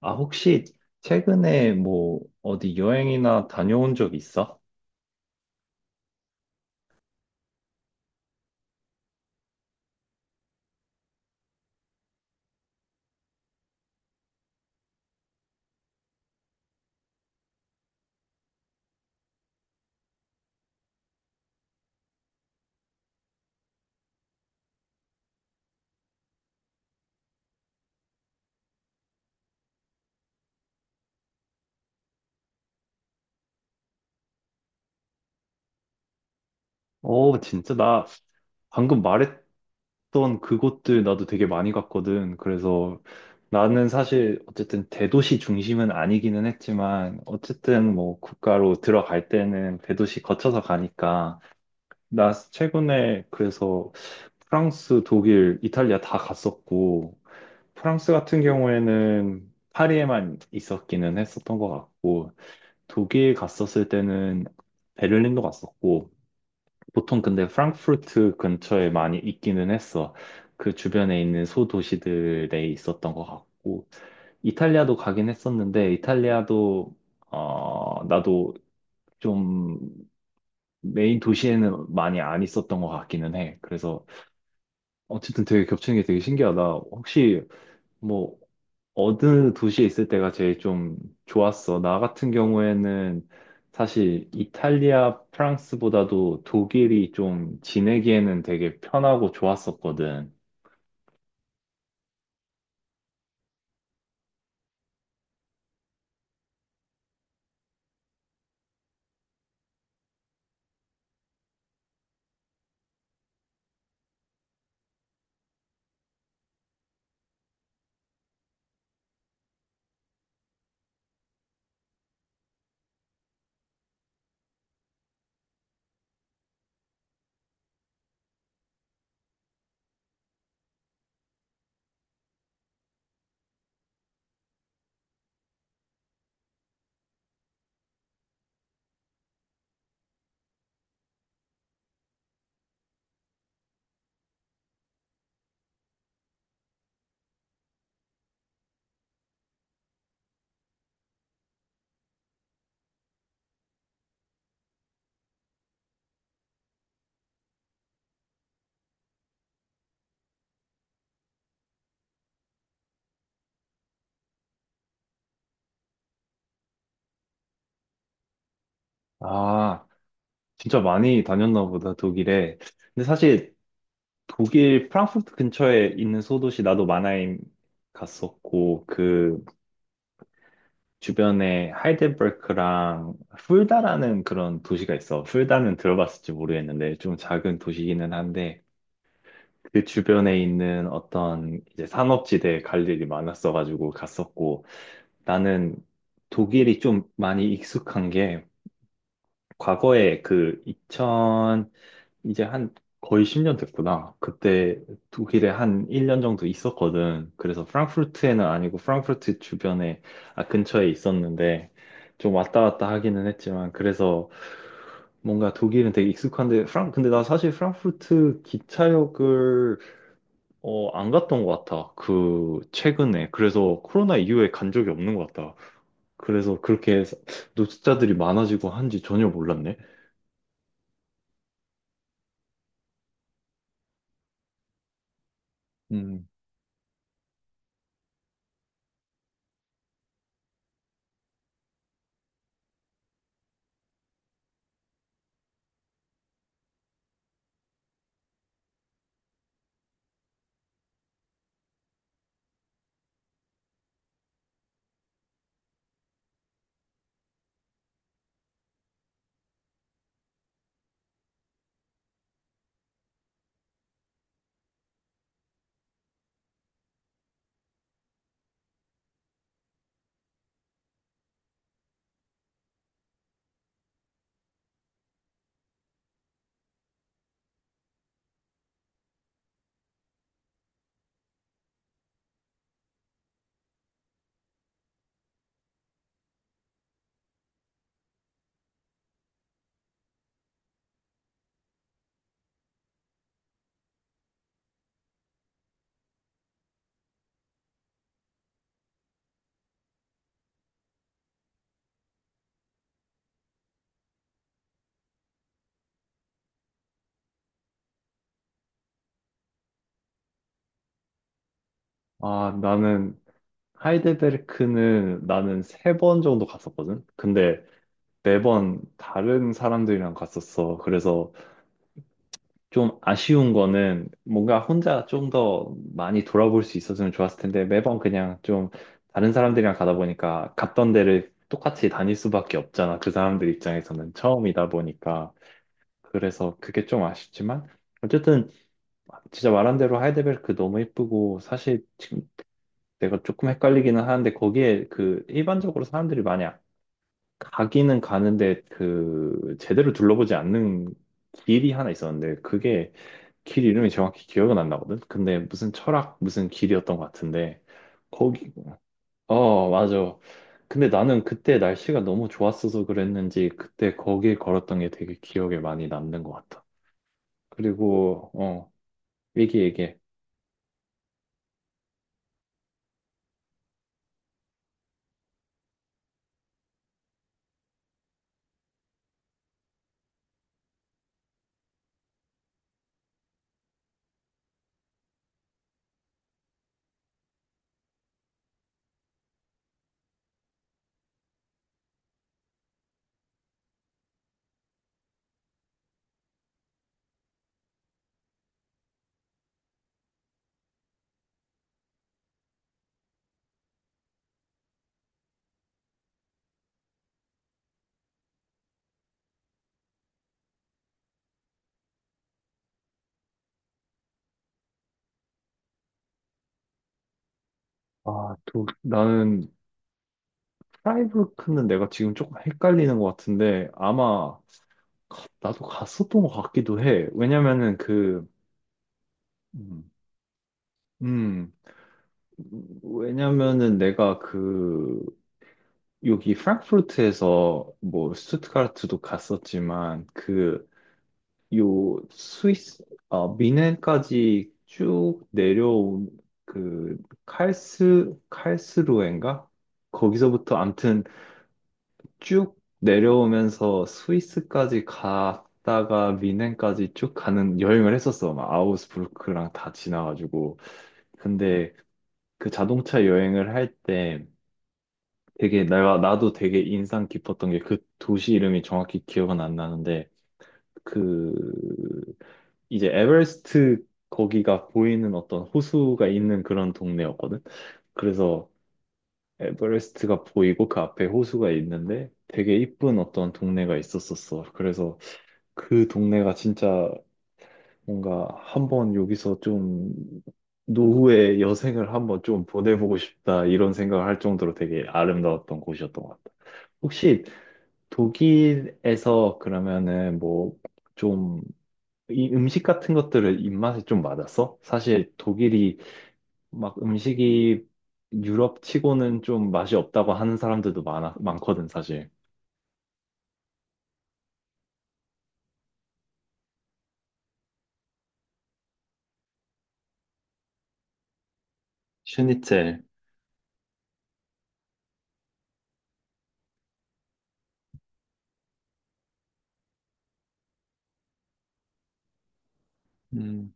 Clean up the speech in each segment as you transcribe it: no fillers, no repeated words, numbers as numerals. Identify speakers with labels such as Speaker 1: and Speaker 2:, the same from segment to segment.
Speaker 1: 아, 혹시 최근에 뭐 어디 여행이나 다녀온 적 있어? 어, 진짜 나 방금 말했던 그곳들 나도 되게 많이 갔거든. 그래서 나는 사실 어쨌든 대도시 중심은 아니기는 했지만 어쨌든 뭐 국가로 들어갈 때는 대도시 거쳐서 가니까 나 최근에 그래서 프랑스, 독일, 이탈리아 다 갔었고, 프랑스 같은 경우에는 파리에만 있었기는 했었던 것 같고, 독일 갔었을 때는 베를린도 갔었고, 보통 근데 프랑크푸르트 근처에 많이 있기는 했어. 그 주변에 있는 소도시들에 있었던 것 같고, 이탈리아도 가긴 했었는데, 이탈리아도, 나도 좀 메인 도시에는 많이 안 있었던 것 같기는 해. 그래서 어쨌든 되게 겹치는 게 되게 신기하다. 혹시 뭐 어느 도시에 있을 때가 제일 좀 좋았어? 나 같은 경우에는 사실 이탈리아, 프랑스보다도 독일이 좀 지내기에는 되게 편하고 좋았었거든. 아, 진짜 많이 다녔나 보다, 독일에. 근데 사실 독일 프랑크푸르트 근처에 있는 소도시 나도 마나임 갔었고, 그 주변에 하이델베르크랑 풀다라는 그런 도시가 있어. 풀다는 들어봤을지 모르겠는데 좀 작은 도시기는 한데 그 주변에 있는 어떤 이제 상업지대에 갈 일이 많았어가지고 갔었고, 나는 독일이 좀 많이 익숙한 게 과거에 그 2000, 이제 한 거의 10년 됐구나. 그때 독일에 한 1년 정도 있었거든. 그래서 프랑크푸르트에는 아니고 프랑크푸르트 주변에, 아, 근처에 있었는데 좀 왔다 갔다 하기는 했지만 그래서 뭔가 독일은 되게 익숙한데 프랑 근데 나 사실 프랑크푸르트 기차역을 안 갔던 것 같아. 그, 최근에. 그래서 코로나 이후에 간 적이 없는 것 같다. 그래서 그렇게 해서 노숙자들이 많아지고 한지 전혀 몰랐네. 음. 아, 하이델베르크는 나는 3번 정도 갔었거든? 근데 매번 다른 사람들이랑 갔었어. 그래서 좀 아쉬운 거는 뭔가 혼자 좀 더 많이 돌아볼 수 있었으면 좋았을 텐데 매번 그냥 좀 다른 사람들이랑 가다 보니까 갔던 데를 똑같이 다닐 수밖에 없잖아. 그 사람들 입장에서는 처음이다 보니까. 그래서 그게 좀 아쉽지만 어쨌든 진짜 말한 대로 하이데베르크 너무 예쁘고 사실 지금 내가 조금 헷갈리기는 하는데 거기에 그 일반적으로 사람들이 많이 가기는 가는데 그 제대로 둘러보지 않는 길이 하나 있었는데 그게 길 이름이 정확히 기억은 안 나거든? 근데 무슨 철학, 무슨 길이었던 것 같은데, 거기, 맞아. 근데 나는 그때 날씨가 너무 좋았어서 그랬는지, 그때 거길 걸었던 게 되게 기억에 많이 남는 것 같아. 그리고, 얘기. 아, 또, 프라이브르크는 내가 지금 조금 헷갈리는 것 같은데, 아마, 나도 갔었던 것 같기도 해. 음, 음, 왜냐면은 내가 그, 여기 프랑크푸르트에서 뭐 슈투트가르트도 갔었지만 그 요 스위스 아 미넨까지 쭉 내려온 그 칼스루엔가 거기서부터 암튼 쭉 내려오면서 스위스까지 갔다가 미넨까지 쭉 가는 여행을 했었어. 막 아우스부르크랑 다 지나가지고. 근데 그 자동차 여행을 할때 되게 내가 나도 되게 인상 깊었던 게 그 도시 이름이 정확히 기억은 안 나는데 그 이제 에베레스트 거기가 보이는 어떤 호수가 있는 그런 동네였거든. 그래서 에베레스트가 보이고 그 앞에 호수가 있는데 되게 이쁜 어떤 동네가 있었었어. 그래서 그 동네가 진짜 뭔가 한번 여기서 좀 노후의 여생을 한번 좀 보내보고 싶다 이런 생각을 할 정도로 되게 아름다웠던 곳이었던 것 같아. 혹시 독일에서 그러면은 뭐 좀 이 음식 같은 것들을 입맛에 좀 맞았어? 사실 독일이 막 음식이 유럽 치고는 좀 맛이 없다고 하는 사람들도 많거든, 사실. 슈니첼. 음.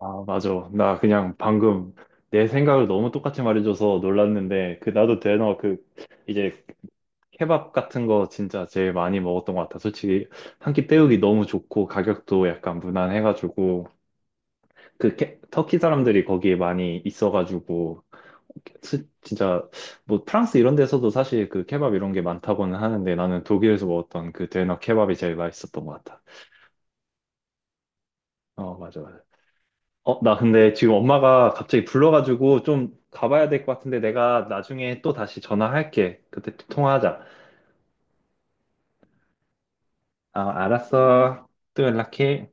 Speaker 1: 아, 맞아. 나 그냥 방금 내 생각을 너무 똑같이 말해줘서 놀랐는데, 그, 나도 대너 그, 이제 케밥 같은 거 진짜 제일 많이 먹었던 것 같아. 솔직히 한 끼 때우기 너무 좋고, 가격도 약간 무난해가지고, 그 터키 사람들이 거기에 많이 있어가지고 진짜 뭐 프랑스 이런 데서도 사실 그 케밥 이런 게 많다고는 하는데 나는 독일에서 먹었던 그 데너 케밥이 제일 맛있었던 것 같아. 어, 맞아, 맞아. 어, 나 근데 지금 엄마가 갑자기 불러가지고 좀 가봐야 될 것 같은데 내가 나중에 또 다시 전화할게. 그때 또 통화하자. 아, 알았어. 또 연락해.